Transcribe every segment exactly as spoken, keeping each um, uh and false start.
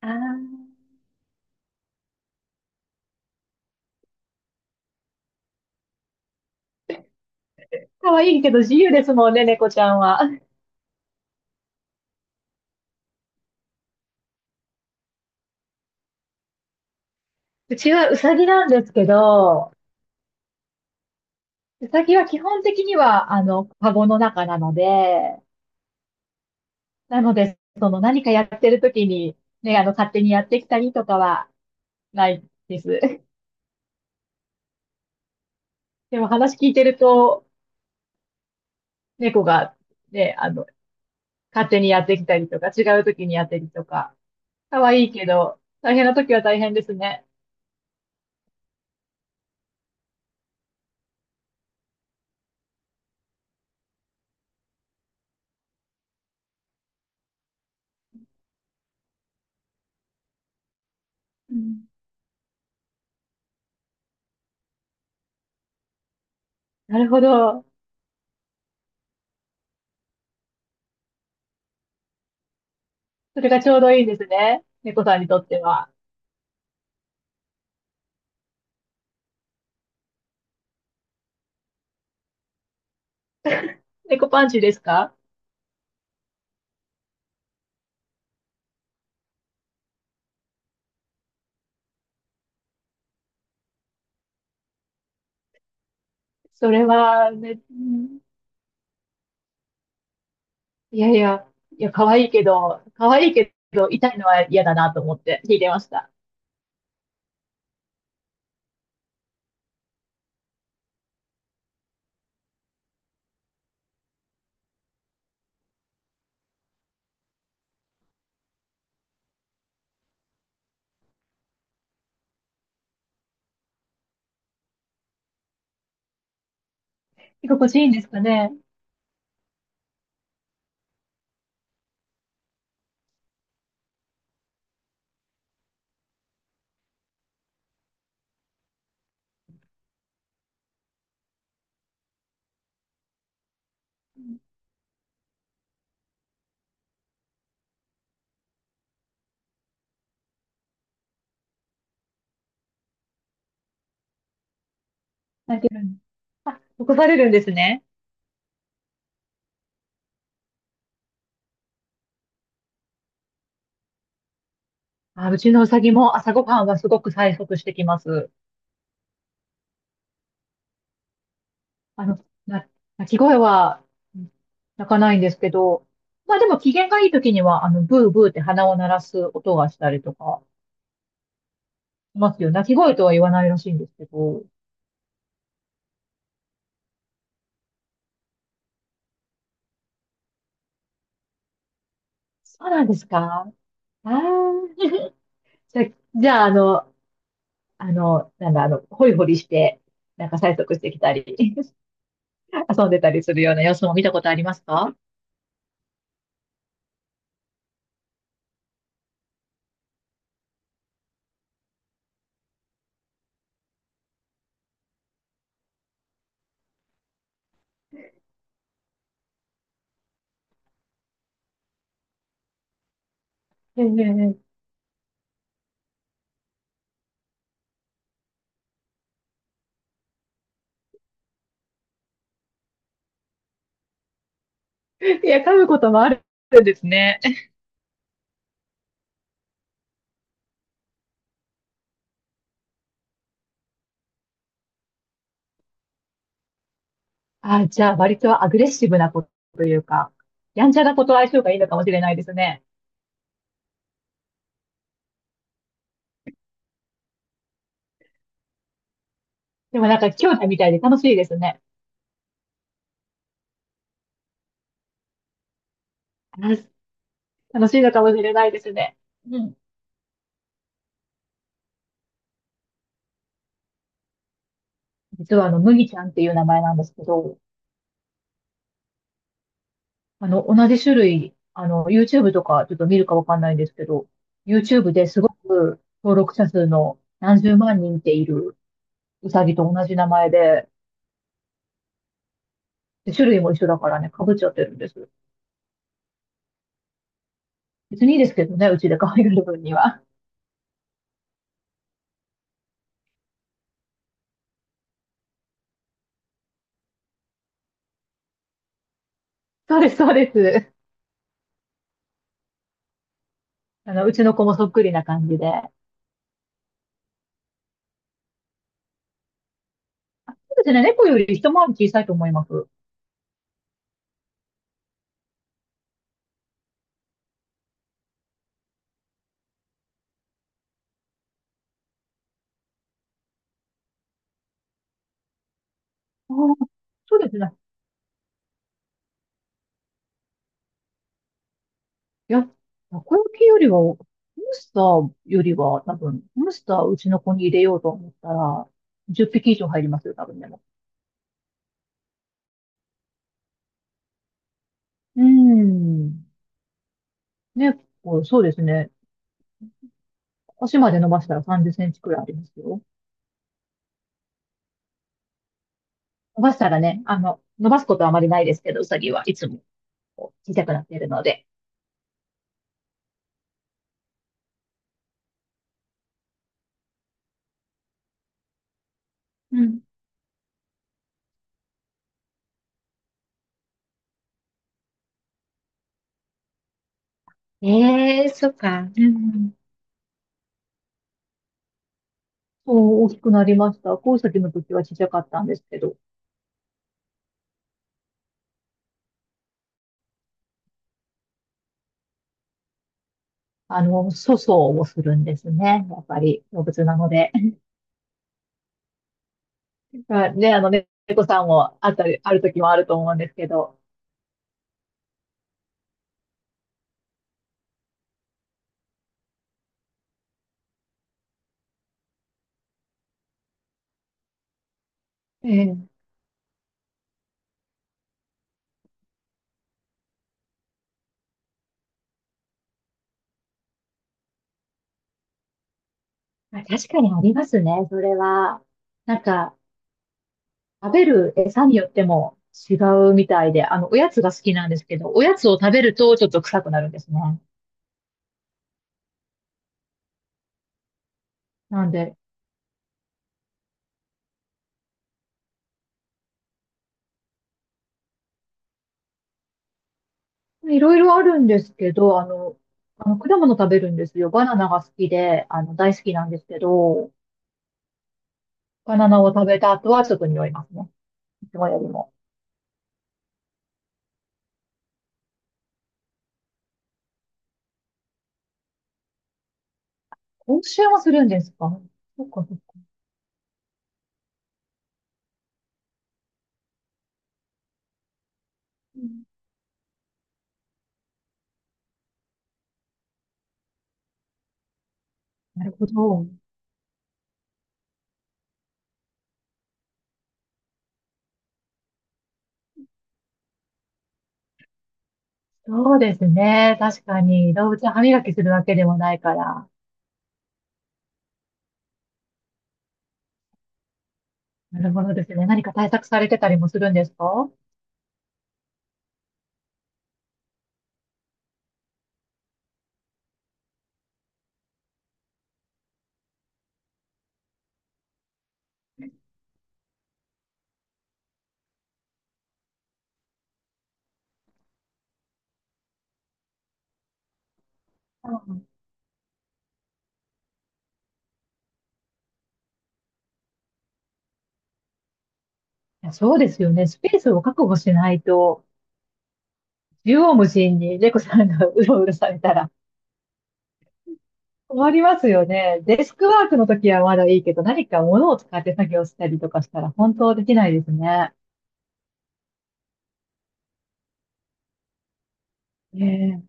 ああ、可愛いけど自由ですもんね、猫ちゃんは。うちはウサギなんですけど、ウサギは基本的には、あの、カゴの中なので、なので、その何かやってる時に、ね、あの、勝手にやってきたりとかはないです。でも話聞いてると、猫が、ね、あの、勝手にやってきたりとか、違う時にやってるとか、可愛いけど、大変な時は大変ですね。うん、なるほど。それがちょうどいいんですね。猫さんにとっては。猫パンチですか？それは、ね、うん。いやいや、いや、可愛いけど、可愛いけど、痛いのは嫌だなと思って聞いてました。心地いいんですかね？泣いてるんあ、起こされるんですね。あ、うちのうさぎも朝ごはんはすごく催促してきます。あの、な、鳴き声は、うん、鳴かないんですけど、まあでも機嫌がいい時には、あの、ブーブーって鼻を鳴らす音がしたりとかしますよ。鳴き声とは言わないらしいんですけど。そうなんですか？ああー。じゃ、じゃあ、あの、あの、なんだ、あの、ホイホリして、なんか催促してきたり、遊んでたりするような様子も見たことありますか？ええ、いや、噛むこともあるんですね。あ、じゃあ、割とアグレッシブな子というか、やんちゃな子と相性がいいのかもしれないですね。でもなんか、兄弟みたいで楽しいですね。あ、楽しいのかもしれないですね。うん。実はあの、麦ちゃんっていう名前なんですけど、あの、同じ種類、あの、YouTube とかちょっと見るかわかんないんですけど、YouTube ですごく登録者数の何十万人っているウサギと同じ名前で、で種類も一緒だからね、被っちゃってるんです。別にいいですけどね、うちで可愛がる分には。そうです、そうです。あの、うちの子もそっくりな感じで。そうですね、猫より一回り小さいと思います。あー、そうですね。いや、たこ焼きよりは、ハムスターよりは、多分、ハムスターうちの子に入れようと思ったら、じゅっぴき以上入りますよ、多分でも。うーん。ね、こう、そうですね。足まで伸ばしたらさんじゅっセンチくらいありますよ。伸ばしたらね、あの、伸ばすことはあまりないですけど、うさぎはいつもこう小さくなっているので。うん、そう、大きくなりました。コウサギの時は小さかったんですけど、あの、粗相をするんですね。やっぱり動物なので。まあね、あの、ね猫さんもあったり、ある時もあると思うんですけど。ええ。あ、確かにありますね、それは。なんか、食べる餌によっても違うみたいで、あの、おやつが好きなんですけど、おやつを食べるとちょっと臭くなるんですね。なんで、いろいろあるんですけど、あの、あの、果物食べるんですよ。バナナが好きで、あの、大好きなんですけど、バナナを食べた後はちょっと匂いますね。いつもよりも。今週もするんですか？そっかそっか。うん、なるほど。そうですね。確かに、動物は歯磨きするわけでもないから。なるほどですね。何か対策されてたりもするんですか？うん、いや、そうですよね。スペースを確保しないと、縦横無尽に猫さんが うろうろされたら困りますよね。デスクワークの時はまだいいけど、何か物を使って作業したりとかしたら本当できないですね。え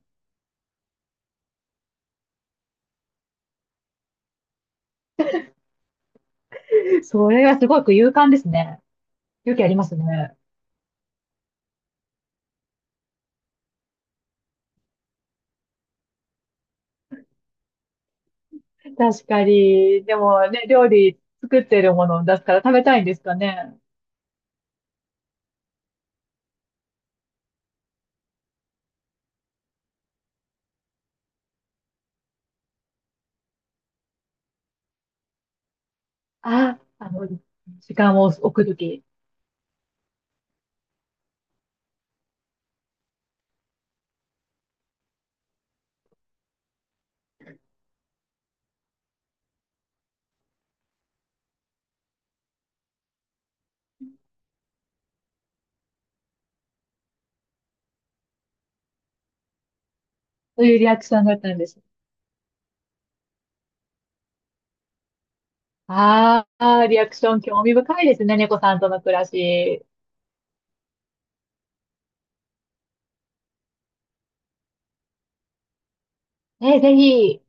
え、それはすごく勇敢ですね。勇気ありますね。確かに。でもね、料理作ってるものを出すから食べたいんですかね？あ、あの、時間を置くとき、そういうリアクションだったんです。ああ、リアクション興味深いですね、猫さんとの暮らし。え、ぜひ、